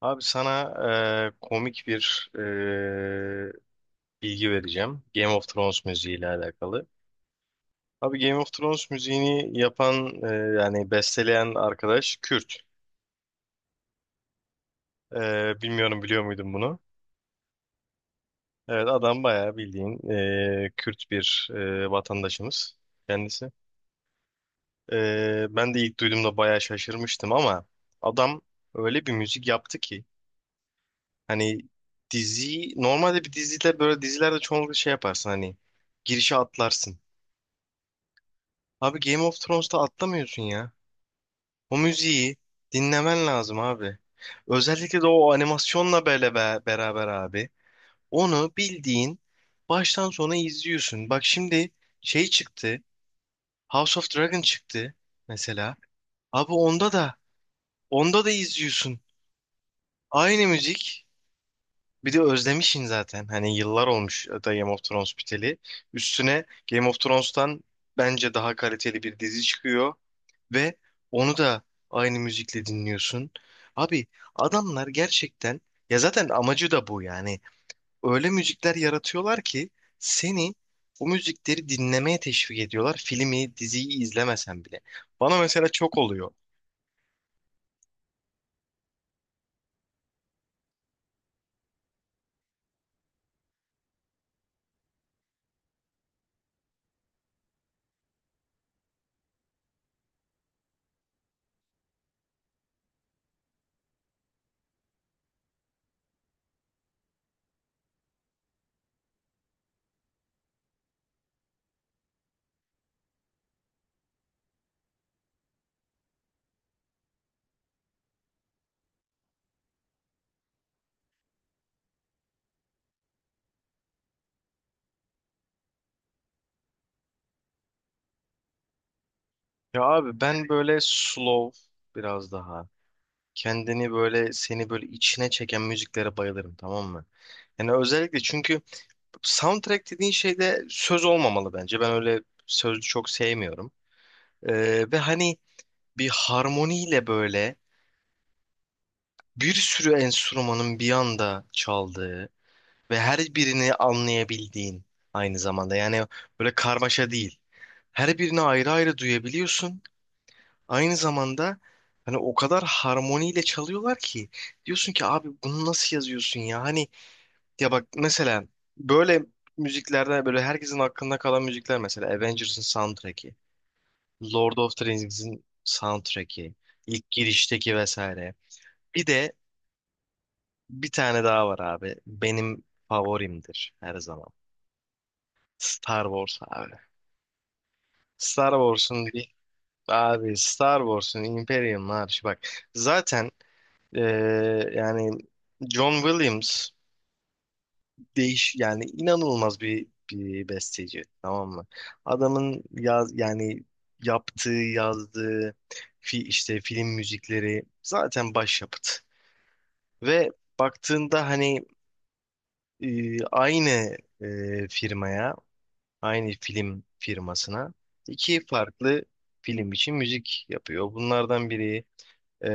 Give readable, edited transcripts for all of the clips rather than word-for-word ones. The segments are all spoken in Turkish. Abi sana komik bir bilgi vereceğim. Game of Thrones müziği ile alakalı. Abi Game of Thrones müziğini yapan yani besteleyen arkadaş Kürt. Bilmiyorum biliyor muydun bunu? Evet, adam bayağı bildiğin Kürt bir vatandaşımız kendisi. Ben de ilk duyduğumda bayağı şaşırmıştım ama adam öyle bir müzik yaptı ki hani dizi normalde bir dizide böyle dizilerde çoğunlukla şey yaparsın, hani girişe atlarsın. Abi Game of Thrones'ta atlamıyorsun ya. O müziği dinlemen lazım abi. Özellikle de o animasyonla böyle beraber abi. Onu bildiğin baştan sona izliyorsun. Bak şimdi şey çıktı. House of Dragon çıktı mesela. Abi onda da onda da izliyorsun. Aynı müzik. Bir de özlemişsin zaten. Hani yıllar olmuş da Game of Thrones biteli. Üstüne Game of Thrones'tan bence daha kaliteli bir dizi çıkıyor. Ve onu da aynı müzikle dinliyorsun. Abi adamlar gerçekten, ya zaten amacı da bu yani. Öyle müzikler yaratıyorlar ki seni o müzikleri dinlemeye teşvik ediyorlar. Filmi, diziyi izlemesen bile. Bana mesela çok oluyor. Ya abi ben böyle slow, biraz daha kendini böyle seni böyle içine çeken müziklere bayılırım, tamam mı? Yani özellikle çünkü soundtrack dediğin şeyde söz olmamalı bence. Ben öyle sözlü çok sevmiyorum. Ve hani bir harmoniyle böyle bir sürü enstrümanın bir anda çaldığı ve her birini anlayabildiğin aynı zamanda. Yani böyle karmaşa değil. Her birini ayrı ayrı duyabiliyorsun. Aynı zamanda hani o kadar harmoniyle çalıyorlar ki diyorsun ki abi bunu nasıl yazıyorsun ya? Hani ya bak mesela böyle müziklerden böyle herkesin aklında kalan müzikler, mesela Avengers'ın soundtrack'i. Lord of the Rings'in soundtrack'i, ilk girişteki vesaire. Bir de bir tane daha var abi. Benim favorimdir her zaman. Star Wars abi. Star Wars'un bir, abi Star Wars'un Imperium Marşı bak. Zaten yani John Williams değiş yani inanılmaz bir besteci, tamam mı? Adamın yani yaptığı, yazdığı işte film müzikleri zaten başyapıt. Ve baktığında hani aynı firmaya, aynı film firmasına iki farklı film için müzik yapıyor. Bunlardan biri e,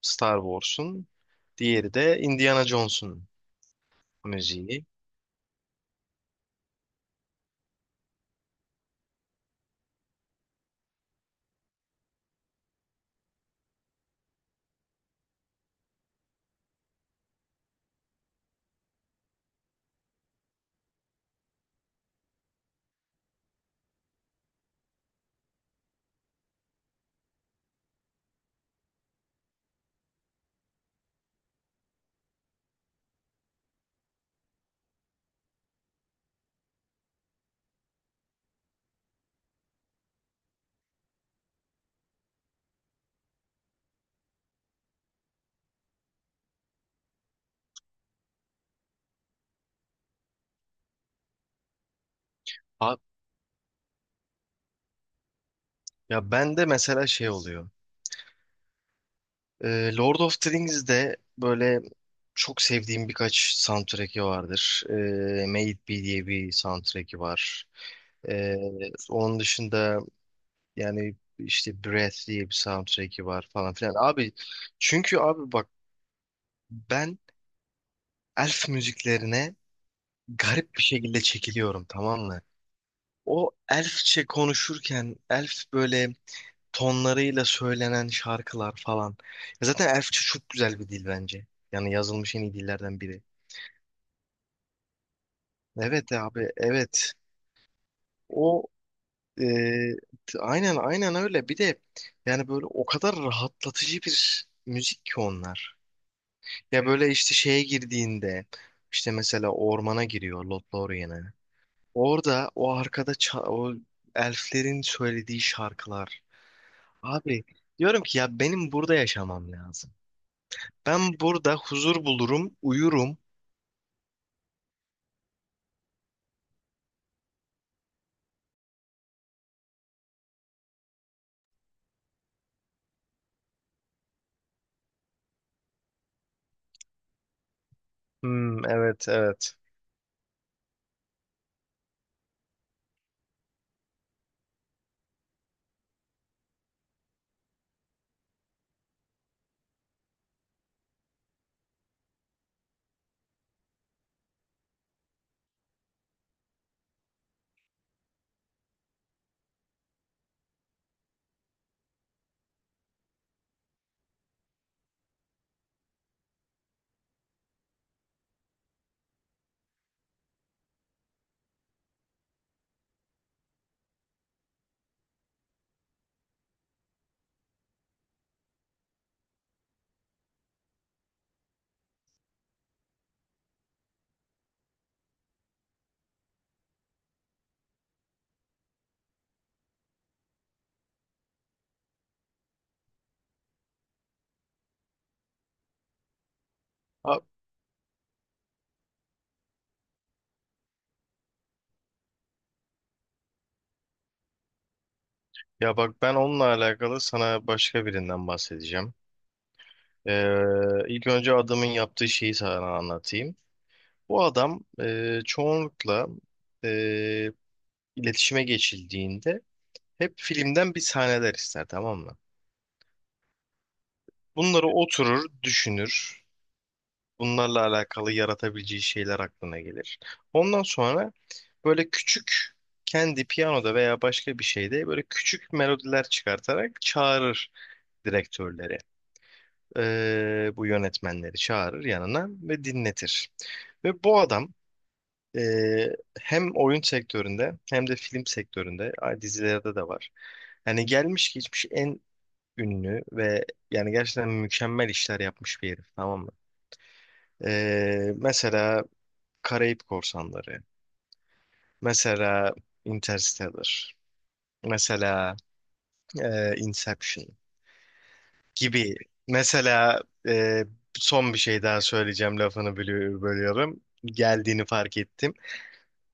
Star Wars'un, diğeri de Indiana Jones'un müziği. Ha- Ya ben de mesela şey oluyor. Lord of the Rings'de böyle çok sevdiğim birkaç soundtrack'i vardır. Made It Be diye bir soundtrack'i var. E, Onun dışında yani işte Breath diye bir soundtrack'i var falan filan. Abi, çünkü abi bak, ben elf müziklerine garip bir şekilde çekiliyorum, tamam mı? O elfçe konuşurken elf böyle tonlarıyla söylenen şarkılar falan. Ya zaten elfçe çok güzel bir dil bence. Yani yazılmış en iyi dillerden biri. Evet abi, evet. O e, aynen aynen öyle. Bir de yani böyle o kadar rahatlatıcı bir müzik ki onlar. Ya böyle işte şeye girdiğinde, işte mesela ormana giriyor, Lothlorien'e. Orada o arkada o elflerin söylediği şarkılar. Abi diyorum ki ya benim burada yaşamam lazım. Ben burada huzur bulurum, uyurum. Hmm, evet evet. Ha- Ya bak ben onunla alakalı sana başka birinden bahsedeceğim. Ee, ilk önce adamın yaptığı şeyi sana anlatayım. Bu adam çoğunlukla e, iletişime geçildiğinde hep filmden bir sahneler ister, tamam mı? Bunları oturur, düşünür. Bunlarla alakalı yaratabileceği şeyler aklına gelir. Ondan sonra böyle küçük kendi piyanoda veya başka bir şeyde böyle küçük melodiler çıkartarak çağırır direktörleri. Bu yönetmenleri çağırır yanına ve dinletir. Ve bu adam e, hem oyun sektöründe hem de film sektöründe, ay, dizilerde de var. Yani gelmiş geçmiş en ünlü ve yani gerçekten mükemmel işler yapmış bir herif, tamam mı? Mesela Karayip Korsanları, mesela Interstellar, mesela Inception gibi. Mesela son bir şey daha söyleyeceğim, lafını bölüyorum. Geldiğini fark ettim.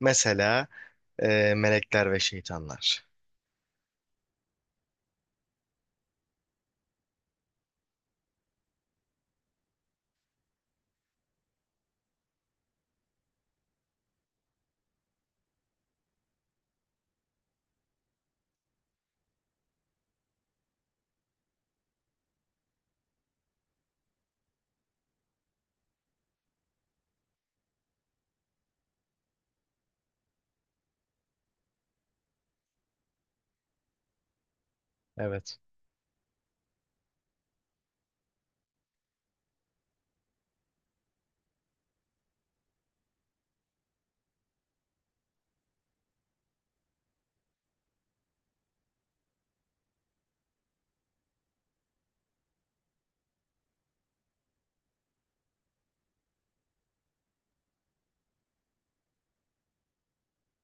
Mesela Melekler ve Şeytanlar. Evet.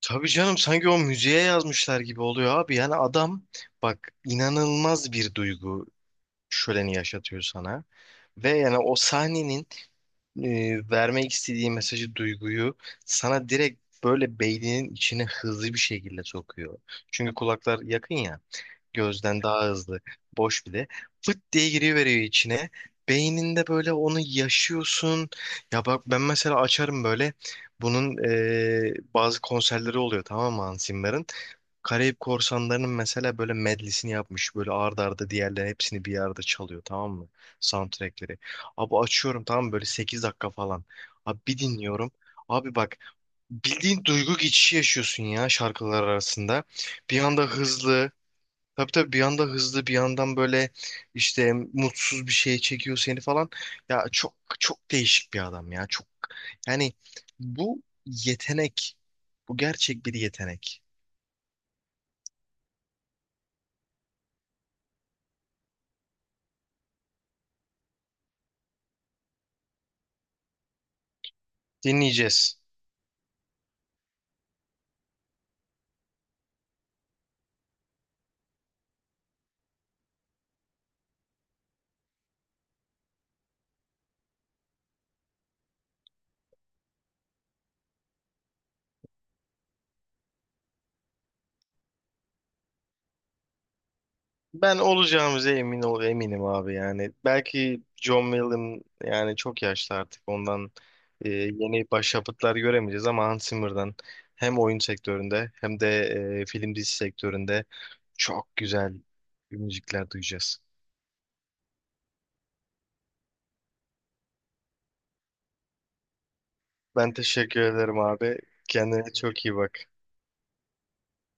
Tabii canım, sanki o müziğe yazmışlar gibi oluyor abi. Yani adam, bak, inanılmaz bir duygu şöleni yaşatıyor sana. Ve yani o sahnenin vermek istediği mesajı, duyguyu sana direkt böyle beyninin içine hızlı bir şekilde sokuyor. Çünkü kulaklar yakın ya, gözden daha hızlı, boş bile. Fıt diye giriveriyor içine. Beyninde böyle onu yaşıyorsun. Ya bak ben mesela açarım böyle. Bunun bazı konserleri oluyor tamam mı, Hans Zimmer'ın? Karayip Korsanları'nın mesela böyle medlisini yapmış. Böyle arda arda diğerlerin hepsini bir arada çalıyor, tamam mı? Soundtrackleri. Abi açıyorum, tamam mı? Böyle 8 dakika falan. Abi bir dinliyorum. Abi bak, bildiğin duygu geçişi yaşıyorsun ya şarkılar arasında. Bir anda hızlı. Tabii tabii, bir anda hızlı, bir yandan böyle işte mutsuz bir şeye çekiyor seni falan. Ya çok çok değişik bir adam ya. Çok yani, bu yetenek. Bu gerçek bir yetenek. Dinleyeceğiz. Ben olacağımıza emin ol, eminim abi yani. Belki John Wall'ın yani çok yaşlı artık, ondan yeni başyapıtlar göremeyeceğiz ama Hans Zimmer'dan hem oyun sektöründe hem de film dizi sektöründe çok güzel müzikler duyacağız. Ben teşekkür ederim abi. Kendine çok iyi bak.